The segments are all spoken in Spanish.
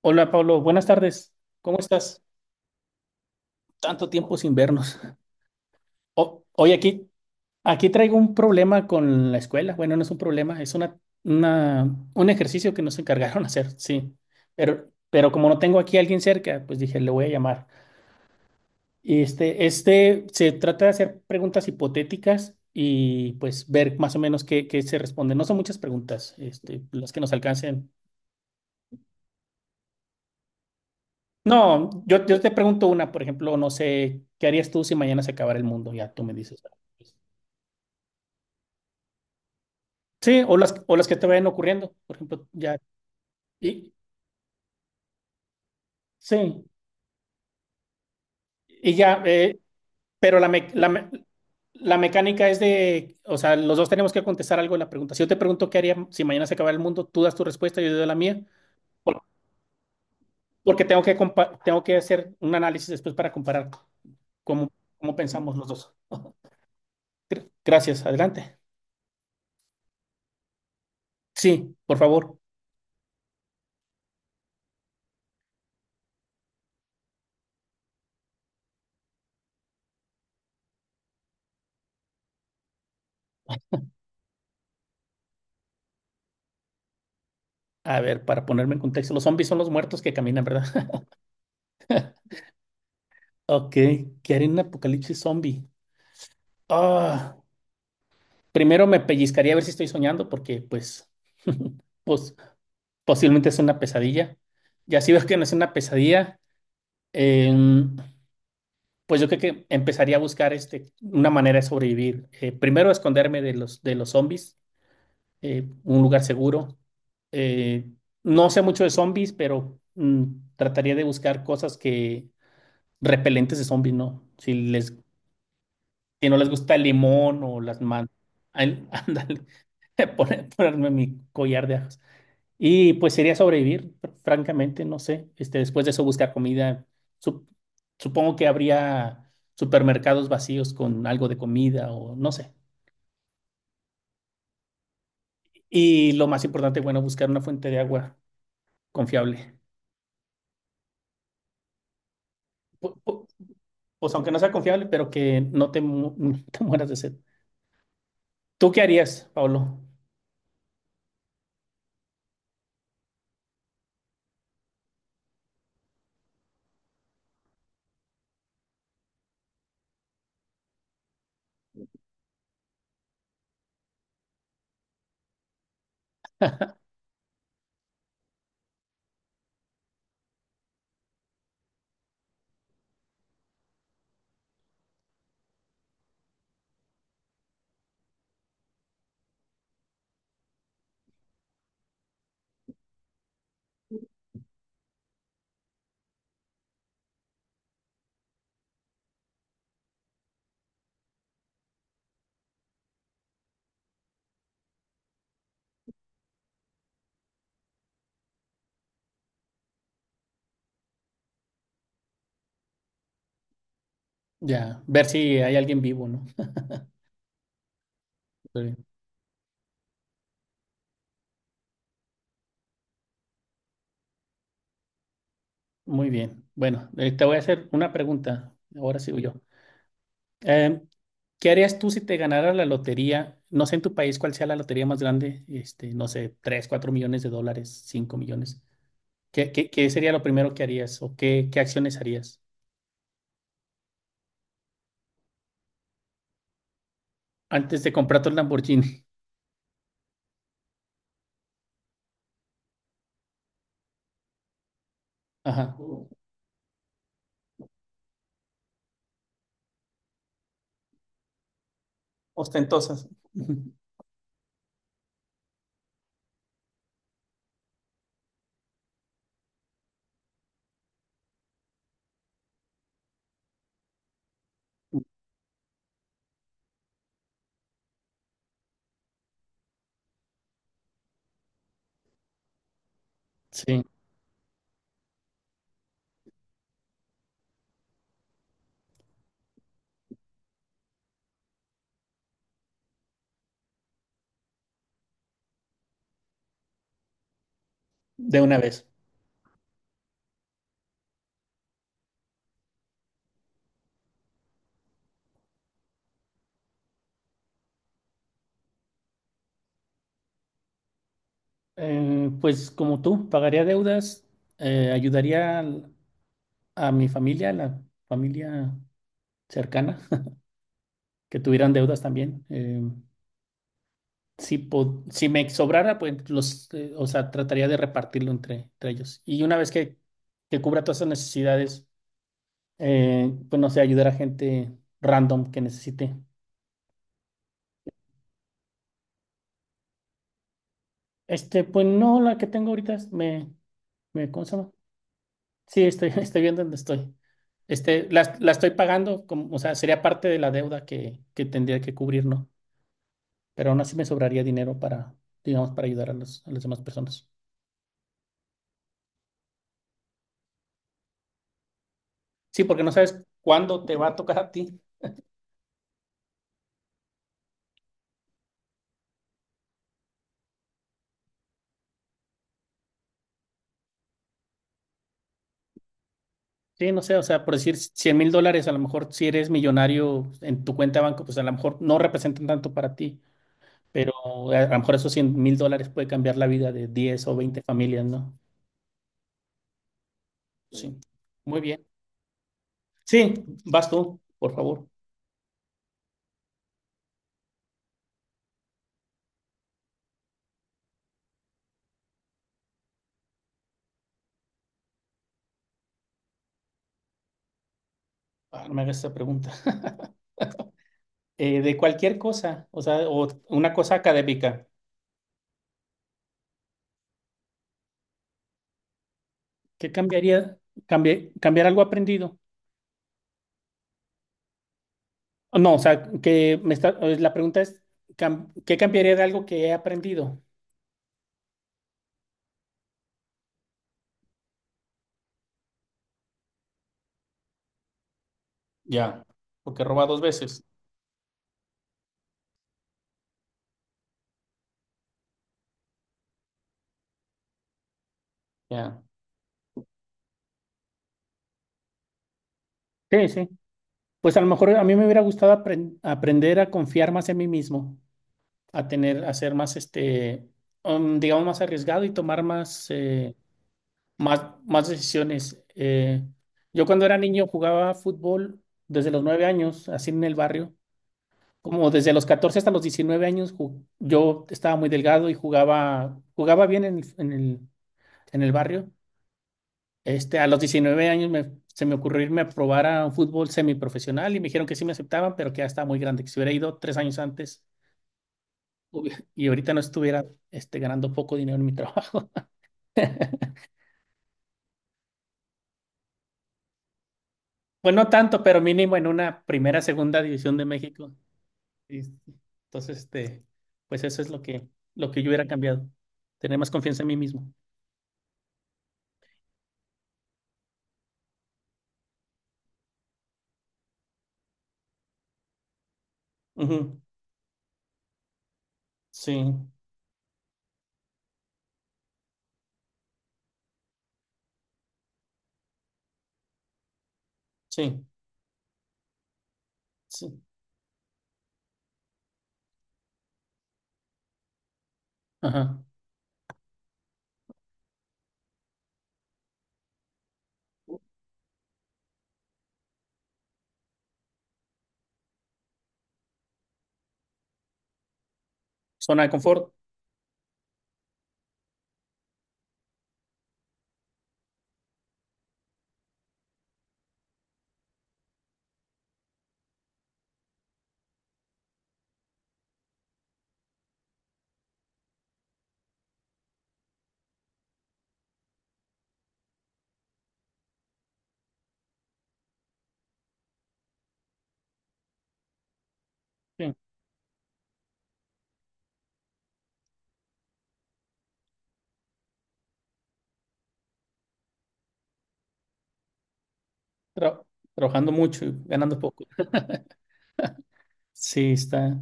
Hola Pablo, buenas tardes. ¿Cómo estás? Tanto tiempo sin vernos. Oye, aquí traigo un problema con la escuela. Bueno, no es un problema, es un ejercicio que nos encargaron hacer, sí. Pero como no tengo aquí a alguien cerca, pues dije, le voy a llamar. Y este se trata de hacer preguntas hipotéticas y pues ver más o menos qué, qué se responde. No son muchas preguntas, este, las que nos alcancen. No, yo te pregunto una, por ejemplo, no sé, ¿qué harías tú si mañana se acabara el mundo? Ya tú me dices. Sí, o las que te vayan ocurriendo, por ejemplo, ya. Y, sí, y ya, pero la, la mecánica es, de, o sea, los dos tenemos que contestar algo en la pregunta. Si yo te pregunto qué haría si mañana se acabara el mundo, tú das tu respuesta, yo doy la mía, por- porque tengo que, tengo que hacer un análisis después para comparar cómo, cómo pensamos los dos. Gracias, adelante. Sí, por favor. A ver, para ponerme en contexto, los zombies son los muertos que caminan, ¿verdad? Ok, ¿qué haré en un apocalipsis zombie? Ah, primero me pellizcaría a ver si estoy soñando, porque pues, pues posiblemente es una pesadilla. Ya si veo que no es una pesadilla, em, pues yo creo que empezaría a buscar este, una manera de sobrevivir. Primero esconderme de los zombies, un lugar seguro. Eh, no sé mucho de zombies, pero trataría de buscar cosas que repelentes de zombies, ¿no? Si no les gusta el limón o las manos, ándale, ponerme mi collar de ajos. Y pues sería sobrevivir, francamente, no sé. Este, después de eso buscar comida. Sup- supongo que habría supermercados vacíos con algo de comida o no sé. Y lo más importante, bueno, buscar una fuente de agua confiable. Pu- pu- Pues aunque no sea confiable, pero que no te mueras de sed. ¿Tú qué harías, Pablo? Ya, ver si hay alguien vivo, ¿no? Sí. Muy bien. Bueno, te voy a hacer una pregunta. Ahora sigo yo. Eh, ¿Qué harías tú si te ganara la lotería? No sé en tu país cuál sea la lotería más grande, este, no sé, 3 4 millones de dólares, 5 millones. ¿Qué sería lo primero que harías o qué, qué acciones harías antes de comprarte el Lamborghini? Ajá. Ostentosas. Ujú. Sí, de una vez. Pues como tú, pagaría deudas, ayudaría a mi familia, a la familia cercana, que tuvieran deudas también. Si, si me sobrara, pues o sea, trataría de repartirlo entre ellos. Y una vez que cubra todas esas necesidades, pues no sé, ayudar a gente random que necesite. Este, pues no, la que tengo ahorita ¿cómo se llama? Sí, estoy viendo dónde estoy. Este, la estoy pagando, como, o sea, sería parte de la deuda que tendría que cubrir, ¿no? Pero aún así me sobraría dinero para, digamos, para ayudar a las demás personas. Sí, porque no sabes cuándo te va a tocar a ti. Sí, no sé, o sea, por decir 100.000 dólares, a lo mejor si eres millonario en tu cuenta de banco, pues a lo mejor no representan tanto para ti, pero a lo mejor esos 100.000 dólares puede cambiar la vida de 10 o 20 familias, ¿no? Sí, muy bien. Sí, vas tú, por favor. Ah, no me hagas esa pregunta. De cualquier cosa, o sea, o una cosa académica, ¿qué cambiaría? ¿Cambiar algo aprendido? No, o sea, que me está, la pregunta es, ¿qué cambiaría de algo que he aprendido? Ya, porque roba dos veces. Ya, sí, sí. Pues a lo mejor a mí me hubiera gustado aprender a confiar más en mí mismo, a tener, a ser más, este, digamos, más arriesgado y tomar más, más decisiones. Yo cuando era niño jugaba fútbol desde los 9 años, así en el barrio, como desde los 14 hasta los 19 años, yo estaba muy delgado y jugaba bien en el barrio. Este, a los 19 años se me ocurrió irme a probar a un fútbol semiprofesional y me dijeron que sí me aceptaban, pero que ya estaba muy grande, que si hubiera ido 3 años antes y ahorita no estuviera este, ganando poco dinero en mi trabajo. Pues no tanto, pero mínimo en una primera, segunda división de México. Y- entonces, este, pues eso es lo que yo hubiera cambiado, tener más confianza en mí mismo. Ujú. Sí, sí, sí. Ajá. Zona de confort, sí. Tra- trabajando mucho y ganando poco. Sí, está.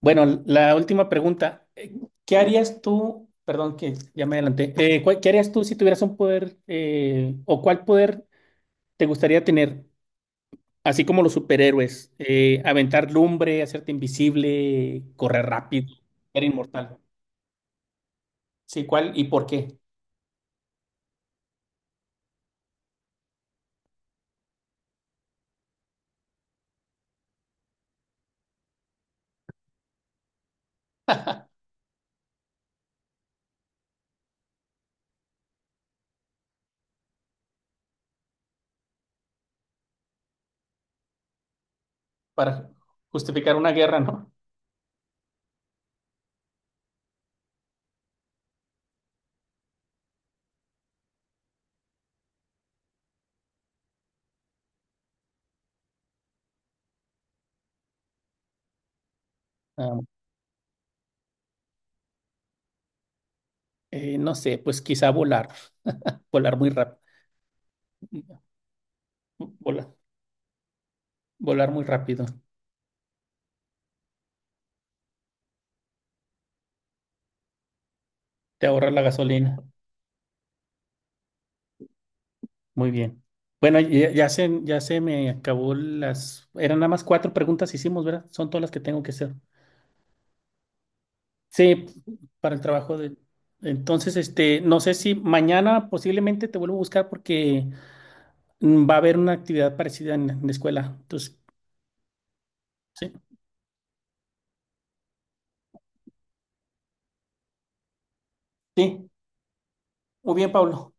Bueno, la última pregunta. ¿Qué harías tú? Perdón que ya me adelanté. Qué harías tú si tuvieras un poder o cuál poder te gustaría tener? Así como los superhéroes, aventar lumbre, hacerte invisible, correr rápido, ser inmortal. Sí, ¿cuál y por qué? Para justificar una guerra, ¿no? Ah, no sé, pues quizá volar, volar muy rápido, volar, volar muy rápido, te ahorras la gasolina. Muy bien. Bueno, ya, ya se me acabó las... Eran nada más cuatro preguntas hicimos, ¿verdad? Son todas las que tengo que hacer. Sí, para el trabajo de... Entonces, este, no sé si mañana posiblemente te vuelvo a buscar porque va a haber una actividad parecida en la escuela. Entonces, sí, sí. Muy bien, Pablo.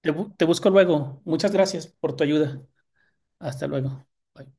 Te busco luego. Muchas gracias por tu ayuda. Hasta luego. Bye.